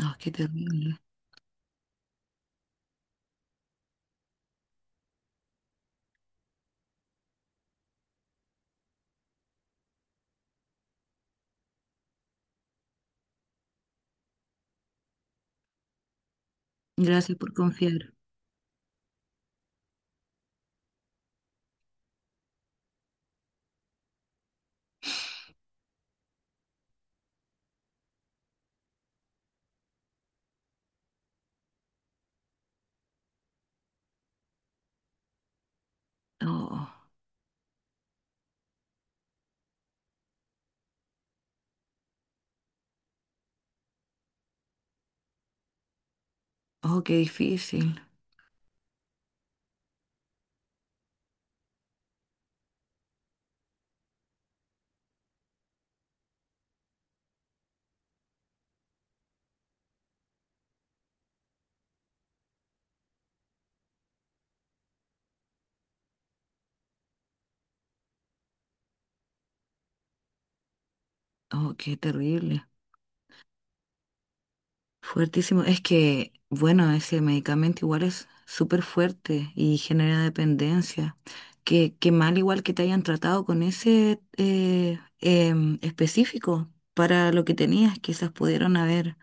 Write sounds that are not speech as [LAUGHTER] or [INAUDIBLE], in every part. Oh, qué terrible. Gracias por confiar. Oh, oh, qué difícil. Oh, qué terrible. Fuertísimo. Es que, bueno, ese medicamento igual es súper fuerte y genera dependencia. Qué mal igual que te hayan tratado con ese específico para lo que tenías. Quizás pudieron haber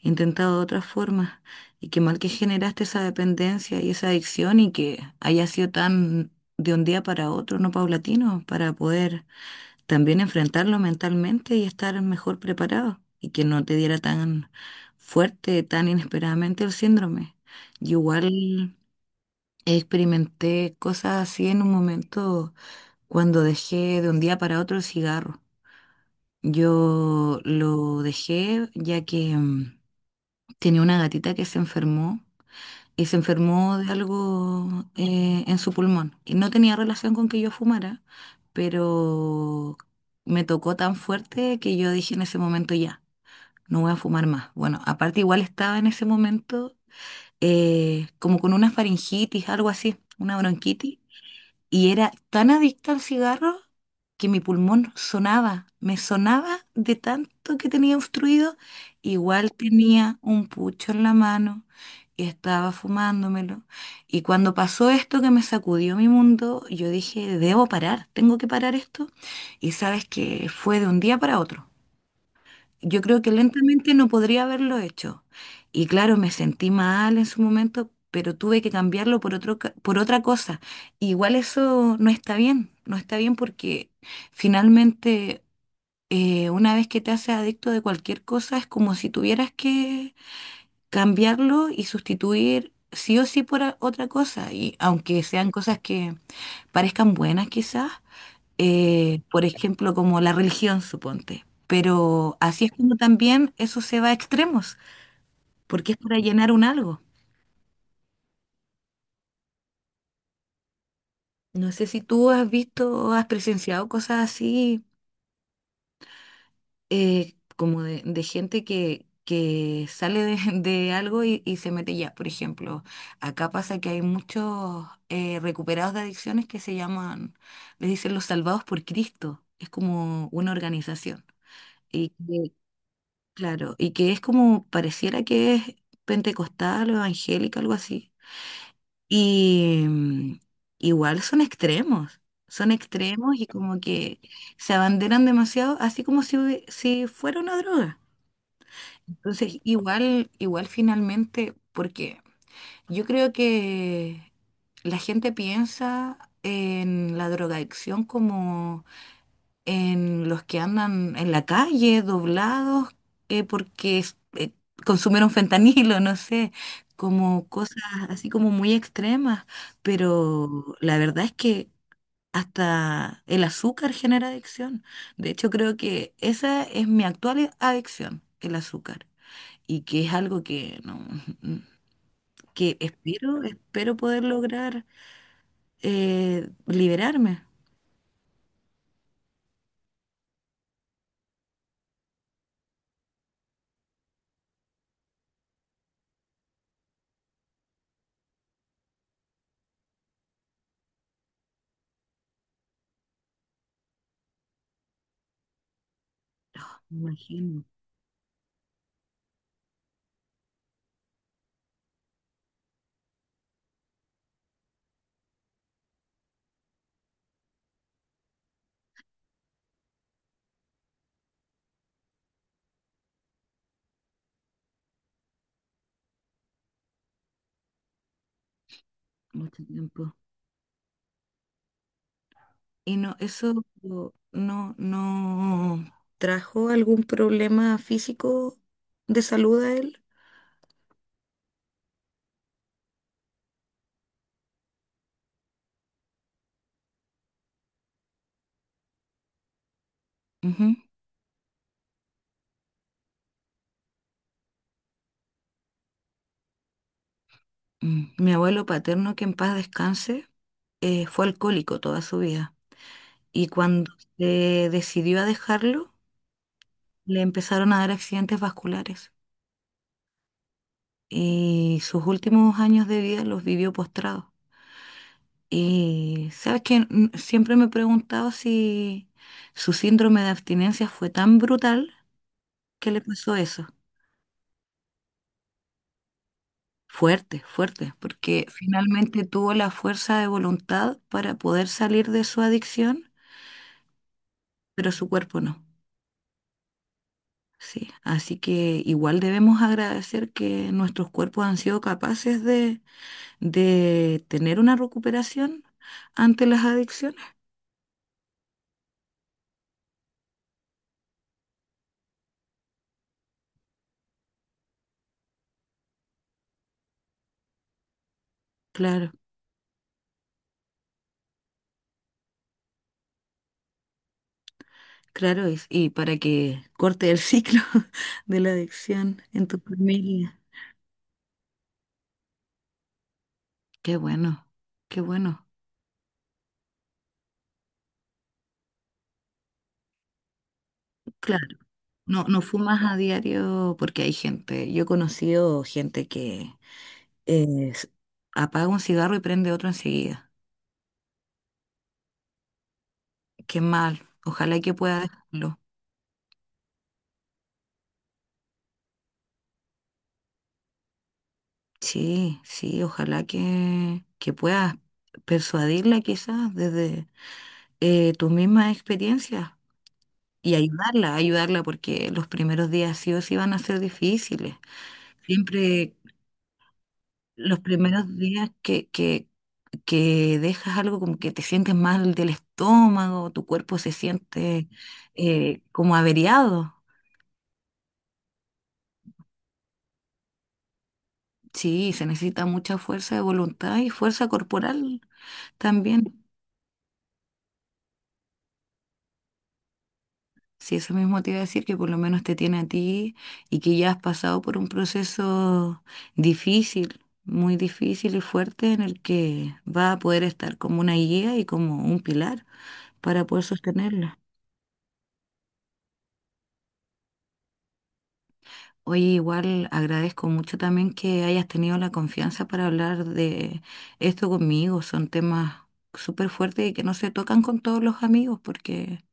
he intentado de otras formas. Y qué mal que generaste esa dependencia y esa adicción y que haya sido tan de un día para otro, no paulatino, para poder también enfrentarlo mentalmente y estar mejor preparado y que no te diera tan fuerte, tan inesperadamente el síndrome. Yo igual experimenté cosas así en un momento cuando dejé de un día para otro el cigarro. Yo lo dejé ya que tenía una gatita que se enfermó y se enfermó de algo en su pulmón. Y no tenía relación con que yo fumara, pero me tocó tan fuerte que yo dije en ese momento ya, no voy a fumar más. Bueno, aparte igual estaba en ese momento como con una faringitis, algo así, una bronquitis. Y era tan adicta al cigarro que mi pulmón sonaba, me sonaba de tanto que tenía obstruido. Igual tenía un pucho en la mano y estaba fumándomelo. Y cuando pasó esto que me sacudió mi mundo, yo dije, debo parar, tengo que parar esto. Y sabes que fue de un día para otro. Yo creo que lentamente no podría haberlo hecho. Y claro, me sentí mal en su momento, pero tuve que cambiarlo por otro, por otra cosa. Igual eso no está bien, no está bien porque finalmente una vez que te haces adicto de cualquier cosa es como si tuvieras que cambiarlo y sustituir sí o sí por otra cosa. Y aunque sean cosas que parezcan buenas quizás, por ejemplo, como la religión, suponte. Pero así es como también eso se va a extremos, porque es para llenar un algo. No sé si tú has visto, has presenciado cosas así, como de gente que sale de, [LAUGHS] de algo y se mete ya. Por ejemplo, acá pasa que hay muchos recuperados de adicciones que se llaman, les dicen los salvados por Cristo. Es como una organización. Y que claro, y que es como, pareciera que es pentecostal o evangélica, algo así. Y igual son extremos y como que se abanderan demasiado, así como si, si fuera una droga. Entonces, igual finalmente, porque yo creo que la gente piensa en la drogadicción como en los que andan en la calle doblados porque consumieron [LAUGHS] fentanilo, no sé, como cosas así como muy extremas, pero la verdad es que hasta el azúcar genera adicción. De hecho, creo que esa es mi actual adicción, el azúcar, y que es algo que no, [LAUGHS] que espero, espero poder lograr liberarme. Imagino, mucho tiempo. Y no, eso no trajo algún problema físico de salud a él. Ujú. Mm. Mi abuelo paterno, que en paz descanse, fue alcohólico toda su vida. Y cuando se decidió a dejarlo, le empezaron a dar accidentes vasculares. Y sus últimos años de vida los vivió postrado. Y sabes que siempre me he preguntado si su síndrome de abstinencia fue tan brutal que le pasó eso. Fuerte, fuerte, porque finalmente tuvo la fuerza de voluntad para poder salir de su adicción, pero su cuerpo no. Sí, así que igual debemos agradecer que nuestros cuerpos han sido capaces de tener una recuperación ante las adicciones. Claro, claro, y para que corte el ciclo [LAUGHS] de la adicción en tu familia. Qué bueno, qué bueno. Claro. No, no fumas a diario porque hay gente. Yo he conocido gente que eh, s- apaga un cigarro y prende otro enseguida. Qué mal. Ojalá que pueda dejarlo. Sí, sí, ojalá que puedas persuadirla quizás desde tus mismas experiencias y ayudarla, ayudarla porque los primeros días sí o sí van a ser difíciles. Siempre los primeros días que dejas algo como que te sientes mal del estómago, tu cuerpo se siente como averiado. Sí, se necesita mucha fuerza de voluntad y fuerza corporal también. Sí, eso mismo te iba a decir, que por lo menos te tiene a ti y que ya has pasado por un proceso difícil, muy difícil y fuerte en el que va a poder estar como una guía y como un pilar para poder sostenerla. Oye, igual agradezco mucho también que hayas tenido la confianza para hablar de esto conmigo. Son temas súper fuertes y que no se tocan con todos los amigos, porque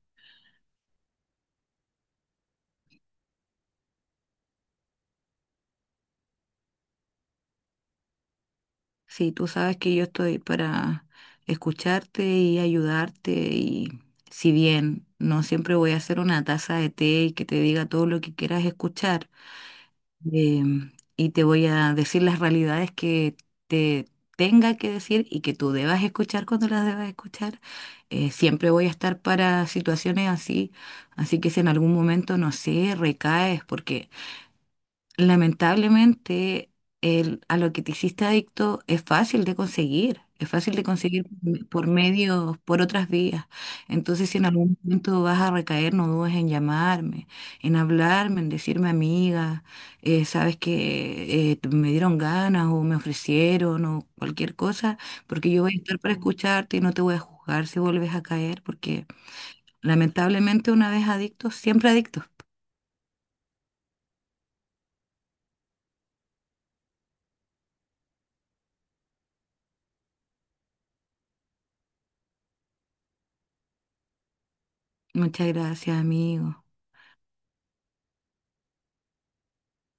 sí, tú sabes que yo estoy para escucharte y ayudarte y si bien no siempre voy a hacer una taza de té y que te diga todo lo que quieras escuchar, y te voy a decir las realidades que te tenga que decir y que tú debas escuchar cuando las debas escuchar. Siempre voy a estar para situaciones así, así que si en algún momento, no sé, recaes, porque lamentablemente, el, a lo que te hiciste adicto es fácil de conseguir, es fácil de conseguir por medios, por otras vías. Entonces, si en algún momento vas a recaer, no dudes en llamarme, en hablarme, en decirme, amiga, sabes que me dieron ganas o me ofrecieron o cualquier cosa, porque yo voy a estar para escucharte y no te voy a juzgar si vuelves a caer, porque lamentablemente una vez adicto, siempre adicto. Muchas gracias, amigo.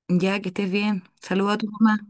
Ya, que estés bien. Saluda a tu mamá.